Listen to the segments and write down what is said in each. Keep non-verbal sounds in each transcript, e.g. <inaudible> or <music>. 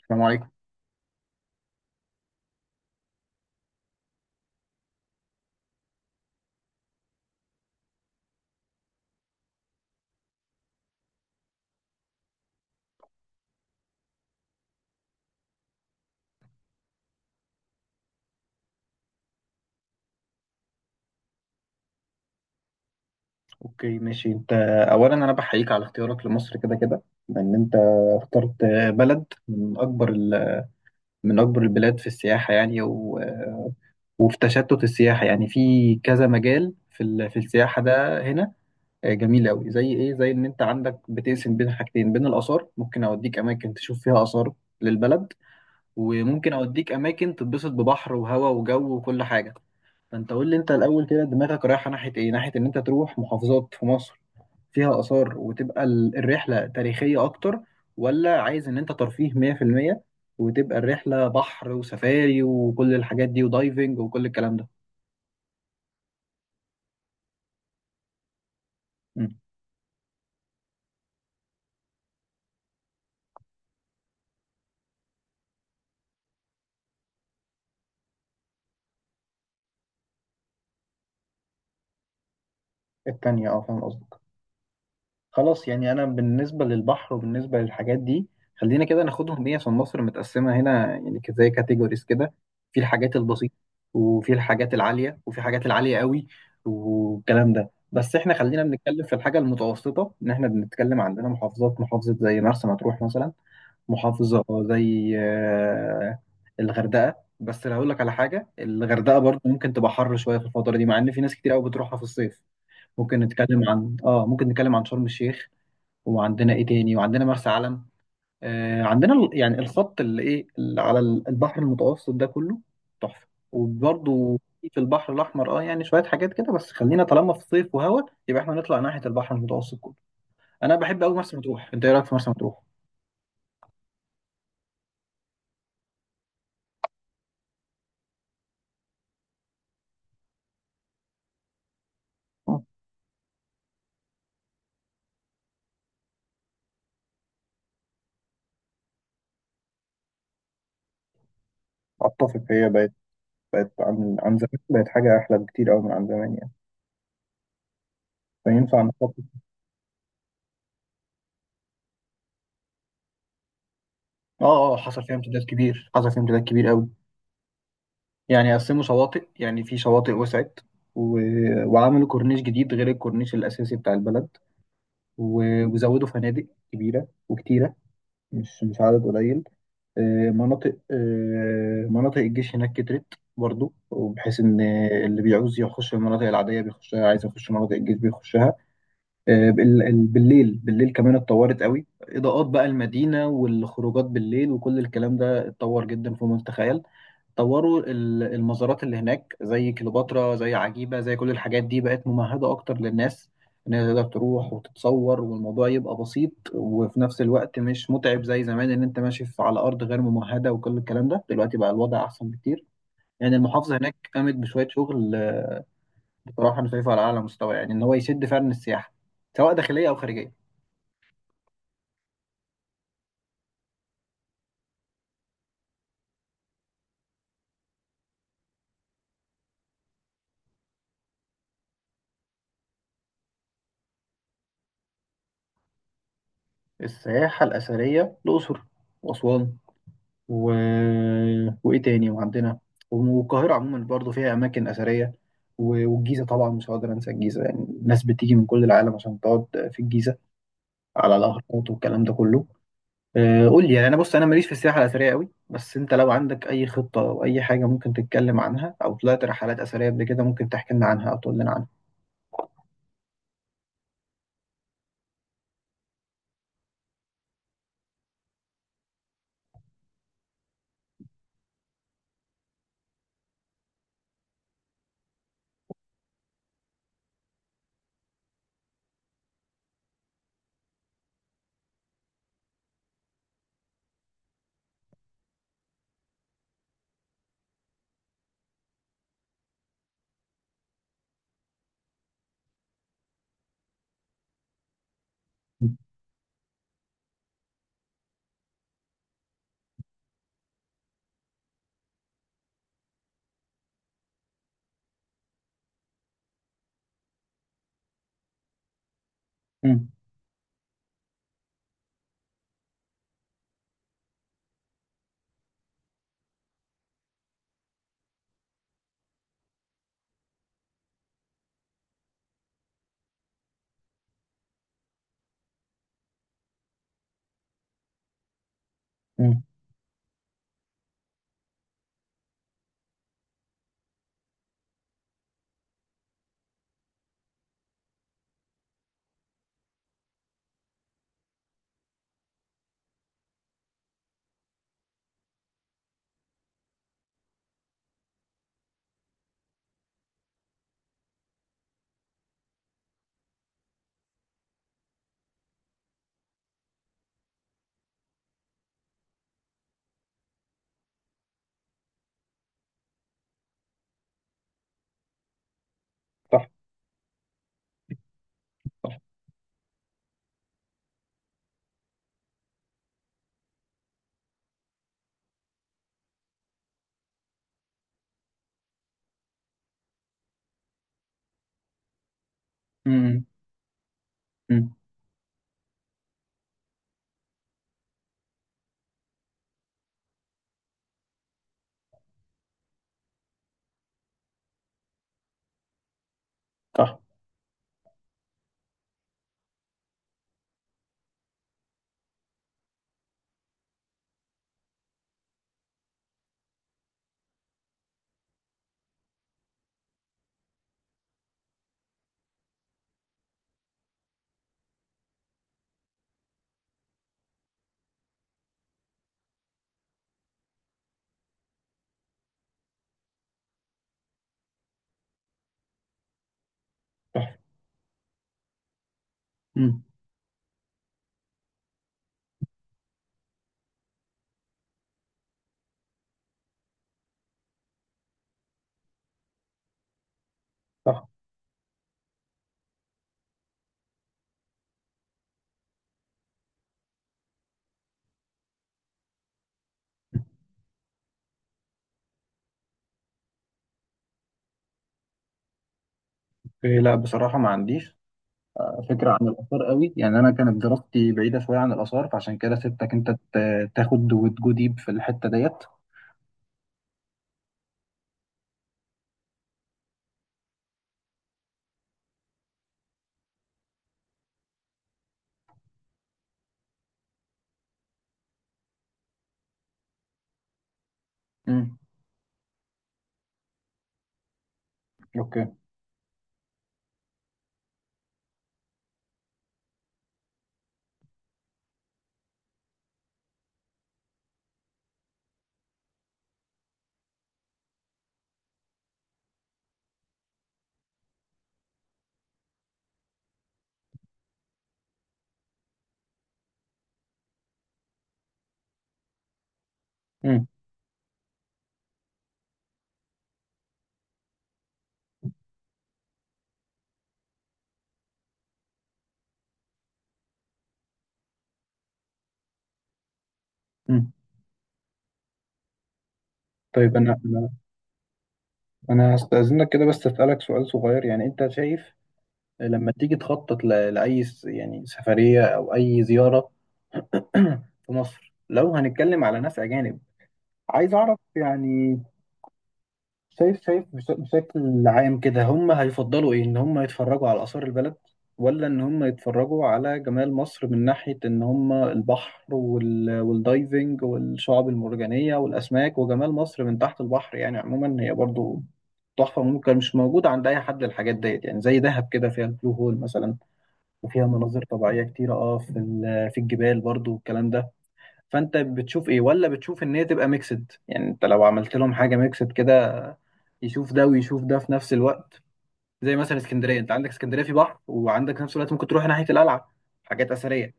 السلام عليكم. اوكي، ماشي. انت اولا انا بحييك على اختيارك لمصر، كده كده لان انت اخترت بلد من اكبر من اكبر البلاد في السياحه يعني. وفي تشتت السياحه يعني في كذا مجال في السياحه ده هنا. جميل قوي، زي ايه؟ زي ان انت عندك بتقسم بين حاجتين، بين الاثار ممكن اوديك اماكن تشوف فيها اثار للبلد، وممكن اوديك اماكن تتبسط ببحر وهواء وجو وكل حاجه. فانت قول لي انت الاول كده، دماغك رايحه ناحيه ايه؟ ناحيه ان انت تروح محافظات في مصر فيها آثار وتبقى الرحلة تاريخية أكتر، ولا عايز إن أنت ترفيه 100% وتبقى الرحلة بحر وسفاري وكل الحاجات دي ودايفنج وكل الكلام ده؟ مم. التانية، أه، فاهم قصدي. خلاص، يعني انا بالنسبه للبحر وبالنسبه للحاجات دي، خلينا كده ناخدهم ايه، عشان مصر متقسمه هنا يعني، زي كاتيجوريز كده. في الحاجات البسيطه، وفي الحاجات العاليه، وفي حاجات العاليه قوي والكلام ده. بس احنا خلينا بنتكلم في الحاجه المتوسطه، ان احنا بنتكلم عندنا محافظات، محافظه زي مرسى مطروح مثلا، محافظه زي الغردقه. بس اللي هقول لك على حاجه، الغردقه برضو ممكن تبقى حر شويه في الفتره دي، مع ان في ناس كتير قوي بتروحها في الصيف. ممكن نتكلم عن ممكن نتكلم عن شرم الشيخ، وعندنا ايه تاني؟ وعندنا مرسى علم. آه عندنا يعني الخط اللي ايه، اللي على البحر المتوسط ده كله تحفه. وبرضه في البحر الاحمر اه، يعني شويه حاجات كده. بس خلينا طالما في صيف وهوا، يبقى احنا نطلع ناحيه البحر المتوسط كله. انا بحب قوي مرسى مطروح. انت ايه رايك في مرسى مطروح؟ آه، اتفق، هي بقت، بقت عن زمان بقت حاجه احلى بكتير قوي من عن زمان يعني. فينفع نخطط. اه حصل فيها امتداد كبير، حصل فيها امتداد كبير قوي. يعني قسموا شواطئ، يعني في شواطئ وسعت، و... وعملوا كورنيش جديد غير الكورنيش الأساسي بتاع البلد، وزودوا فنادق كبيرة وكتيرة، مش عدد قليل. مناطق، مناطق الجيش هناك كترت برضو، وبحيث ان اللي بيعوز يخش المناطق العاديه بيخشها، عايز يخش مناطق الجيش بيخشها. بالليل بالليل كمان اتطورت قوي، اضاءات بقى المدينه والخروجات بالليل وكل الكلام ده اتطور جدا فوق ما تتخيل. طوروا المزارات اللي هناك، زي كليوباترا، زي عجيبة، زي كل الحاجات دي بقت ممهدة أكتر للناس، إن هي تقدر تروح وتتصور والموضوع يبقى بسيط وفي نفس الوقت مش متعب زي زمان، إن أنت ماشي على أرض غير ممهدة وكل الكلام ده. دلوقتي بقى الوضع أحسن بكتير، يعني المحافظة هناك قامت بشوية شغل. بصراحة أنا شايفها على أعلى مستوى، يعني إن هو يشد فعلا السياحة سواء داخلية أو خارجية. السياحة الأثرية، الأقصر وأسوان و... وايه تاني؟ وعندنا والقاهره عموما برضو فيها اماكن اثريه. والجيزه طبعا مش هقدر انسى الجيزه، يعني الناس بتيجي من كل العالم عشان تقعد في الجيزه على الاهرامات والكلام ده كله. قول لي يعني، انا بص، انا ماليش في السياحه الاثريه قوي، بس انت لو عندك اي خطه او اي حاجه ممكن تتكلم عنها، او طلعت رحلات اثريه قبل كده ممكن تحكي لنا عنها او تقول لنا عنها. امم. امم. صح، صح. امم، امم. صح، صح. امم. صح. إيه، لا بصراحه ما عنديش فكرة عن الآثار قوي، يعني أنا كانت دراستي بعيدة شوية عن الآثار، فعشان كده سبتك أنت تاخد وتجو ديب في الحتة ديت. امم. أوكي. امم. امم. طيب، أنا هستأذنك كده بس أسألك سؤال صغير، يعني أنت شايف لما تيجي تخطط لأي يعني سفرية أو أي زيارة <clears throat> في مصر، لو هنتكلم على ناس أجانب، عايز أعرف يعني، بشكل عام كده هم هيفضلوا ايه؟ ان هم يتفرجوا على آثار البلد، ولا ان هم يتفرجوا على جمال مصر من ناحية ان هم البحر والدايفنج والشعاب المرجانية والأسماك، وجمال مصر من تحت البحر؟ يعني عموما هي برضو تحفة، ممكن مش موجودة عند أي حد الحاجات ديت. يعني زي دهب كده فيها البلو هول مثلا، وفيها مناظر طبيعية كتيرة، اه في الجبال برضو والكلام ده. فانت بتشوف ايه؟ ولا بتشوف ان هي تبقى ميكسد؟ يعني انت لو عملت لهم حاجه ميكسد كده، يشوف ده ويشوف ده في نفس الوقت، زي مثلا اسكندريه، انت عندك اسكندريه في بحر وعندك في نفس الوقت ممكن تروح ناحيه القلعه، حاجات اثريه.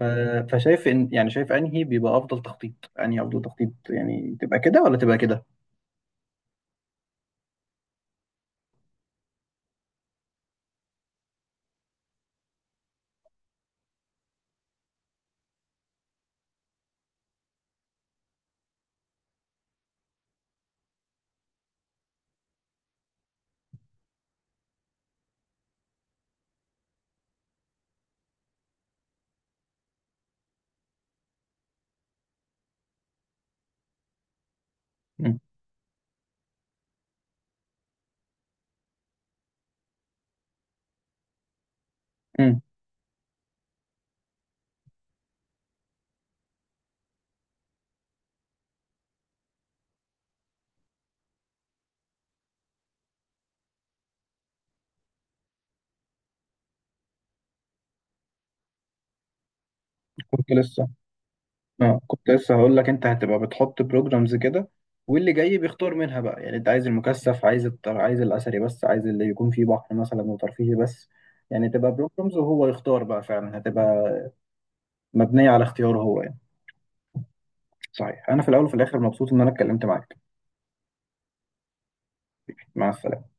ف... فشايف ان يعني، شايف انهي افضل تخطيط، يعني تبقى كده ولا تبقى كده؟ امم. كنت لسه، اه كنت لسه هقول لك، انت هتبقى بتحط بروجرامز كده، واللي جاي بيختار منها بقى، يعني انت عايز المكثف، عايز عايز الاثري بس، عايز اللي يكون فيه بحر مثلا وترفيهي بس. يعني تبقى بروجرامز وهو يختار بقى، فعلا هتبقى مبنية على اختياره هو يعني. صحيح، انا في الاول وفي الاخر مبسوط ان انا اتكلمت معاك. مع السلامة.